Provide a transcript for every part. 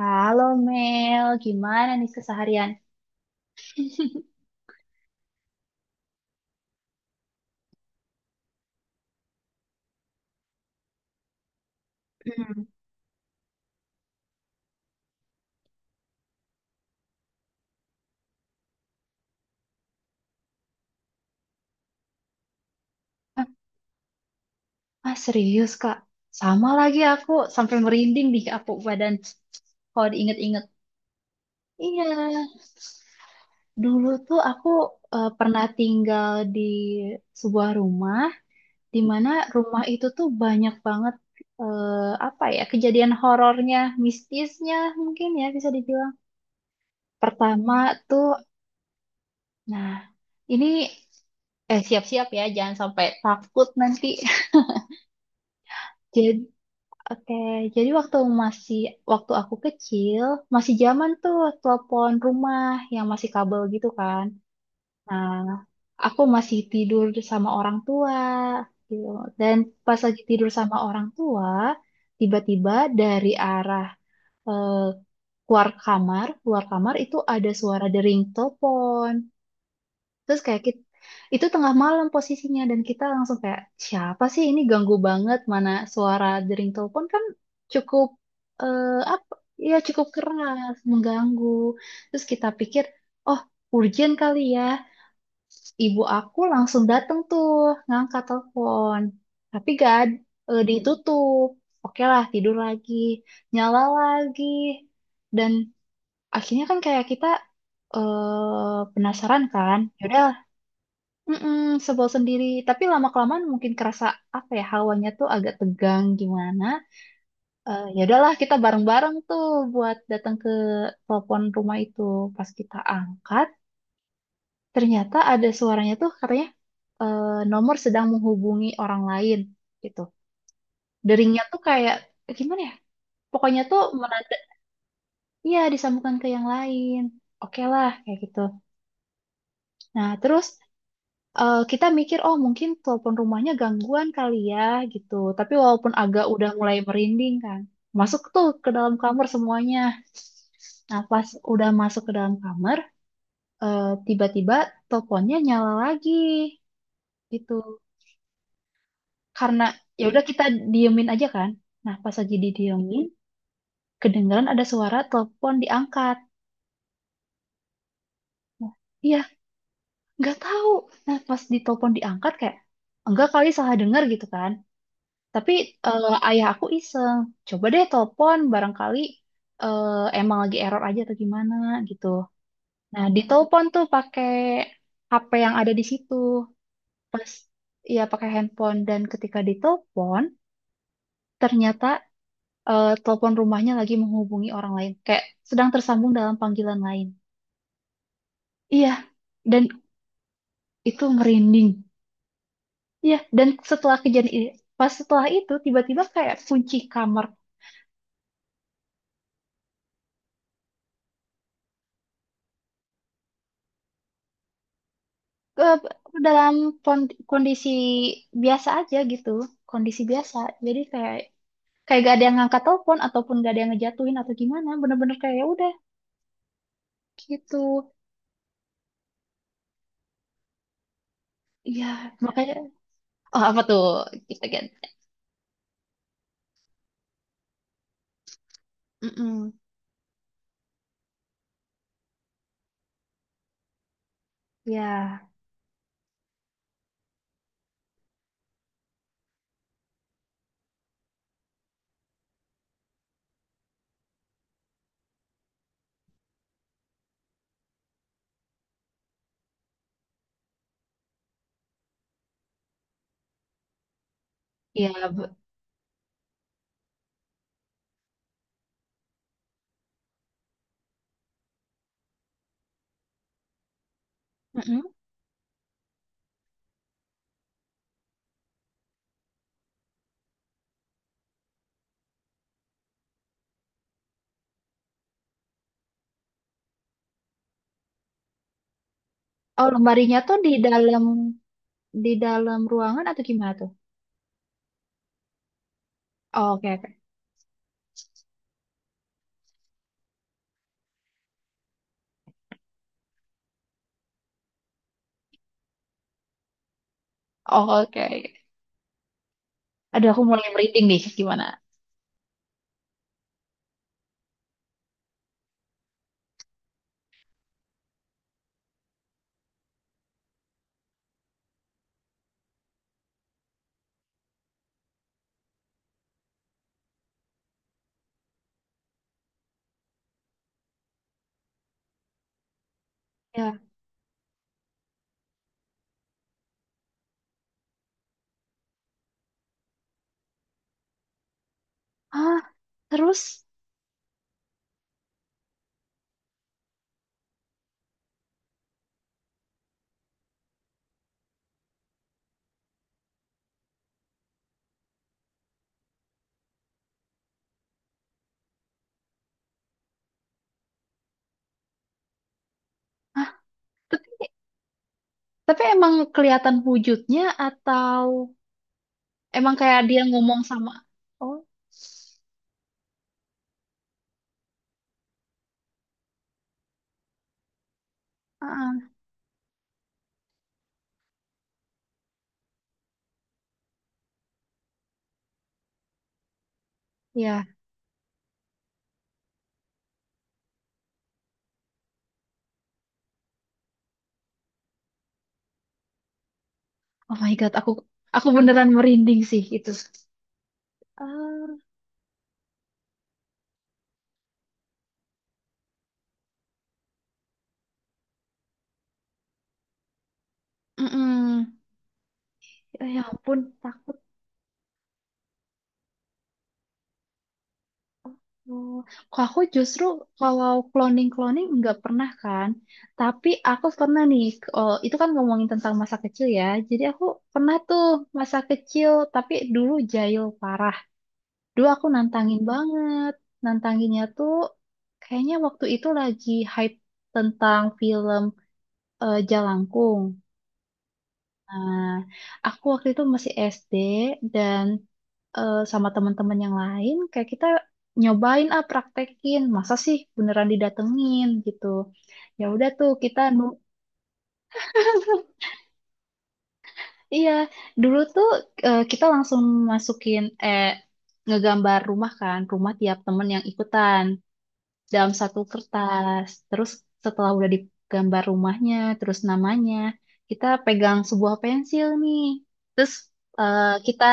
Halo Mel, gimana nih keseharian? Hmm. Ah, serius Kak, sama lagi aku sampai merinding di aku badan kalau diinget-inget. Iya, dulu tuh aku pernah tinggal di sebuah rumah di mana rumah itu tuh banyak banget apa ya kejadian horornya, mistisnya mungkin ya bisa dibilang. Pertama tuh. Nah, ini siap-siap ya, jangan sampai takut nanti. Jadi, oke, jadi masih waktu aku kecil, masih zaman tuh telepon rumah yang masih kabel gitu kan. Nah, aku masih tidur sama orang tua gitu. Dan pas lagi tidur sama orang tua, tiba-tiba dari arah eh, keluar kamar itu ada suara dering telepon. Terus kayak kita, itu tengah malam posisinya, dan kita langsung kayak siapa sih ini, ganggu banget, mana suara dering telepon kan cukup eh, apa ya cukup keras mengganggu. Terus kita pikir, oh, urgent kali ya. Ibu aku langsung datang tuh ngangkat telepon. Tapi gak ad- ditutup. Oke lah, tidur lagi, nyala lagi. Dan akhirnya kan kayak kita penasaran kan. Yaudah mm sebel sendiri. Tapi lama-kelamaan mungkin kerasa apa ya, hawanya tuh agak tegang gimana. Ya udahlah, kita bareng-bareng tuh buat datang ke telepon rumah itu. Pas kita angkat, ternyata ada suaranya tuh katanya nomor sedang menghubungi orang lain gitu. Deringnya tuh kayak gimana ya? Pokoknya tuh menanda, iya, disambungkan ke yang lain. Oke lah, kayak gitu. Nah terus. Kita mikir, oh, mungkin telepon rumahnya gangguan kali ya gitu. Tapi walaupun agak udah mulai merinding kan, masuk tuh ke dalam kamar semuanya. Nah, pas udah masuk ke dalam kamar, tiba-tiba teleponnya nyala lagi gitu. Karena ya udah, kita diemin aja kan. Nah, pas lagi didiemin, kedengaran ada suara telepon diangkat. Nah, iya, nggak tahu. Nah, pas ditelepon diangkat kayak enggak kali, salah dengar gitu kan. Tapi ayah aku iseng, coba deh telepon barangkali eh, emang lagi error aja atau gimana gitu. Nah, ditelepon tuh pakai HP yang ada di situ. Pas ya pakai handphone, dan ketika ditelepon, ternyata telepon rumahnya lagi menghubungi orang lain, kayak sedang tersambung dalam panggilan lain. Iya, dan itu merinding. Iya, dan setelah kejadian ini, pas setelah itu tiba-tiba kayak kunci kamar ke dalam kondisi biasa aja gitu, kondisi biasa, jadi kayak kayak gak ada yang ngangkat telepon ataupun gak ada yang ngejatuhin atau gimana, bener-bener kayak ya udah gitu ya, makanya, oh, apa tuh, kita kan. Mm-mm. Ya, ya, be- Mm-mm. Oh, lemarinya tuh di dalam ruangan atau gimana tuh. Oh, oke, oke. Oh, oke. Aduh, aku mulai merinding nih, gimana ya. Ah, terus. Hah? Tapi emang kelihatan wujudnya, atau emang kayak dia ngomong sama. Oh, ah, ya. Oh my God, aku beneran merinding sih itu. Ah, mm-mm. Ya, ya ampun, takut. Loh. Kok aku justru kalau cloning-cloning nggak pernah kan. Tapi aku pernah nih, oh, itu kan ngomongin tentang masa kecil ya. Jadi aku pernah tuh, masa kecil, tapi dulu jahil parah. Dulu aku nantangin banget. Nantanginnya tuh kayaknya waktu itu lagi hype tentang film Jalangkung. Nah, aku waktu itu masih SD, dan sama teman-teman yang lain kayak kita nyobain, ah praktekin. Masa sih beneran didatengin gitu. Ya udah tuh kita nu- Iya, dulu tuh kita langsung masukin eh ngegambar rumah kan, rumah tiap temen yang ikutan, dalam satu kertas. Terus setelah udah digambar rumahnya, terus namanya, kita pegang sebuah pensil nih. Terus kita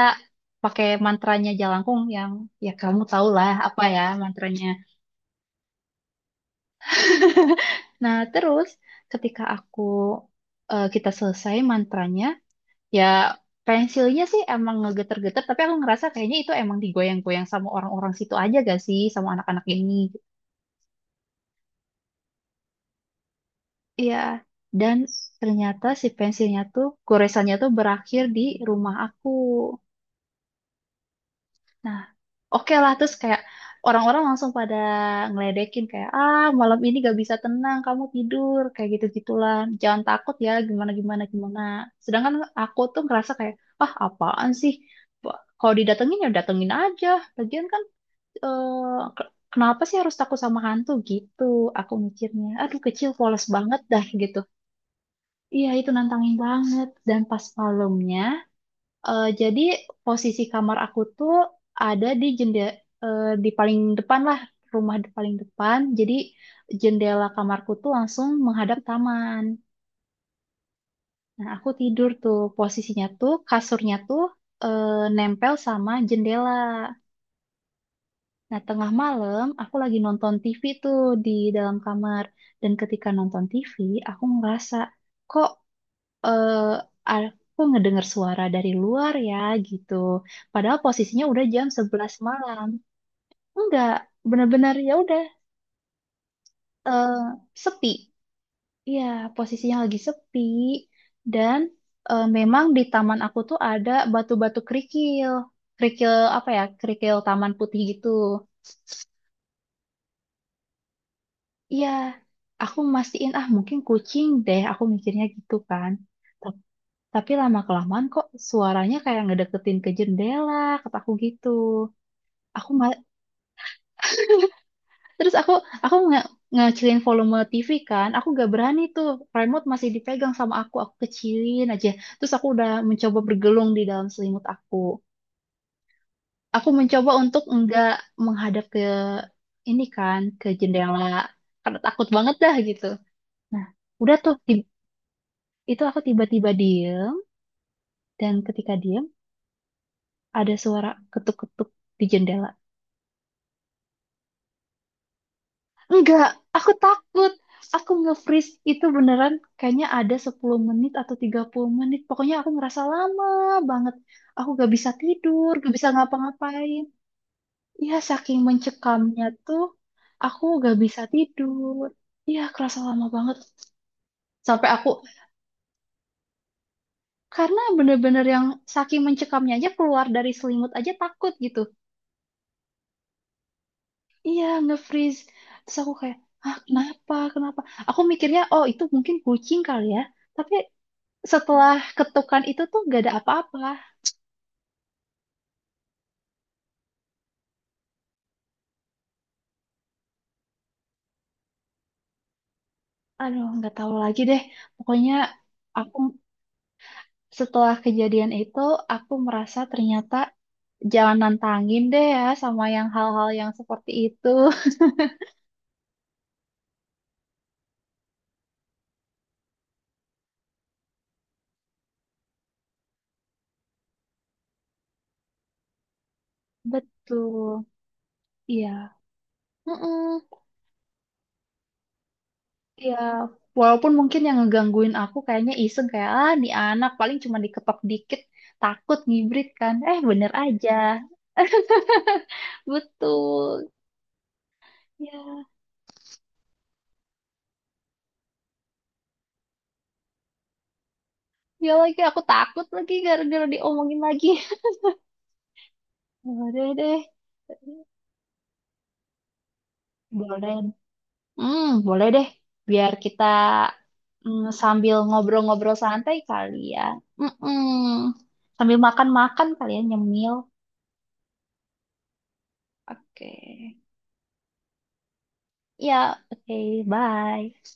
pakai mantranya Jalangkung yang ya, kamu tau lah apa ya mantranya. Nah, terus ketika kita selesai mantranya, ya pensilnya sih emang ngegeter-geter, tapi aku ngerasa kayaknya itu emang digoyang-goyang sama orang-orang situ aja gak sih, sama anak-anak ini. Iya, dan ternyata si pensilnya tuh goresannya tuh berakhir di rumah aku. Nah, oke lah, terus kayak orang-orang langsung pada ngeledekin kayak, ah, malam ini gak bisa tenang, kamu tidur kayak gitu-gitulah. Jangan takut ya, gimana gimana gimana. Sedangkan aku tuh ngerasa kayak, ah, apaan sih? Kalau didatengin, ya datengin aja. Lagian kan eh, ke- kenapa sih harus takut sama hantu gitu? Aku mikirnya, aduh, kecil polos banget dah gitu. Iya, itu nantangin banget. Dan pas malamnya, jadi posisi kamar aku tuh ada di jendela, di paling depan lah, rumah di paling depan. Jadi jendela kamarku tuh langsung menghadap taman. Nah, aku tidur tuh, posisinya tuh kasurnya tuh eh, nempel sama jendela. Nah, tengah malam aku lagi nonton TV tuh di dalam kamar. Dan ketika nonton TV, aku ngerasa kok eh ah, aku ngedengar suara dari luar ya gitu. Padahal posisinya udah jam 11 malam. Enggak, benar-benar ya udah eh, sepi. Iya, posisinya lagi sepi, dan memang di taman aku tuh ada batu-batu kerikil. Kerikil apa ya? Kerikil taman putih gitu. Iya, aku mastiin, ah mungkin kucing deh, aku mikirnya gitu kan. Ta- Tapi lama kelamaan kok suaranya kayak ngedeketin ke jendela, kataku gitu. aku ma- Terus aku ngecilin volume TV kan, aku gak berani tuh, remote masih dipegang sama aku kecilin aja. Terus aku udah mencoba bergelung di dalam selimut aku mencoba untuk enggak menghadap ke ini kan, ke jendela, karena takut banget dah gitu. Nah, udah tuh itu aku tiba-tiba diem, dan ketika diem, ada suara ketuk-ketuk di jendela. Enggak, aku takut. Aku nge-freeze itu beneran kayaknya ada 10 menit atau 30 menit. Pokoknya aku ngerasa lama banget. Aku gak bisa tidur, gak bisa ngapa-ngapain. Iya, saking mencekamnya tuh, aku gak bisa tidur. Iya, kerasa lama banget. Sampai aku, karena bener-bener yang saking mencekamnya, aja keluar dari selimut aja takut gitu. Iya, nge-freeze. Terus aku kayak, ah, kenapa, kenapa? Aku mikirnya, oh, itu mungkin kucing kali ya. Tapi setelah ketukan itu tuh gak ada apa-apa. Aduh, nggak tahu lagi deh. Pokoknya aku, setelah kejadian itu, aku merasa ternyata jangan nantangin deh ya sama yang hal-hal yang seperti itu. Betul. Iya. Mm-mm. Iya. Walaupun mungkin yang ngegangguin aku kayaknya iseng kayak, ah, nih anak paling cuma diketok dikit, takut ngibrit kan. Eh, bener aja. Betul. Ya. Ya lagi, aku takut lagi gara-gara diomongin lagi. Boleh deh, boleh. Hmm, boleh deh. Biar kita, sambil ngobrol-ngobrol santai kali ya. Mm-mm. Sambil makan-makan kali ya, nyemil. Oke. Ya, oke. Bye.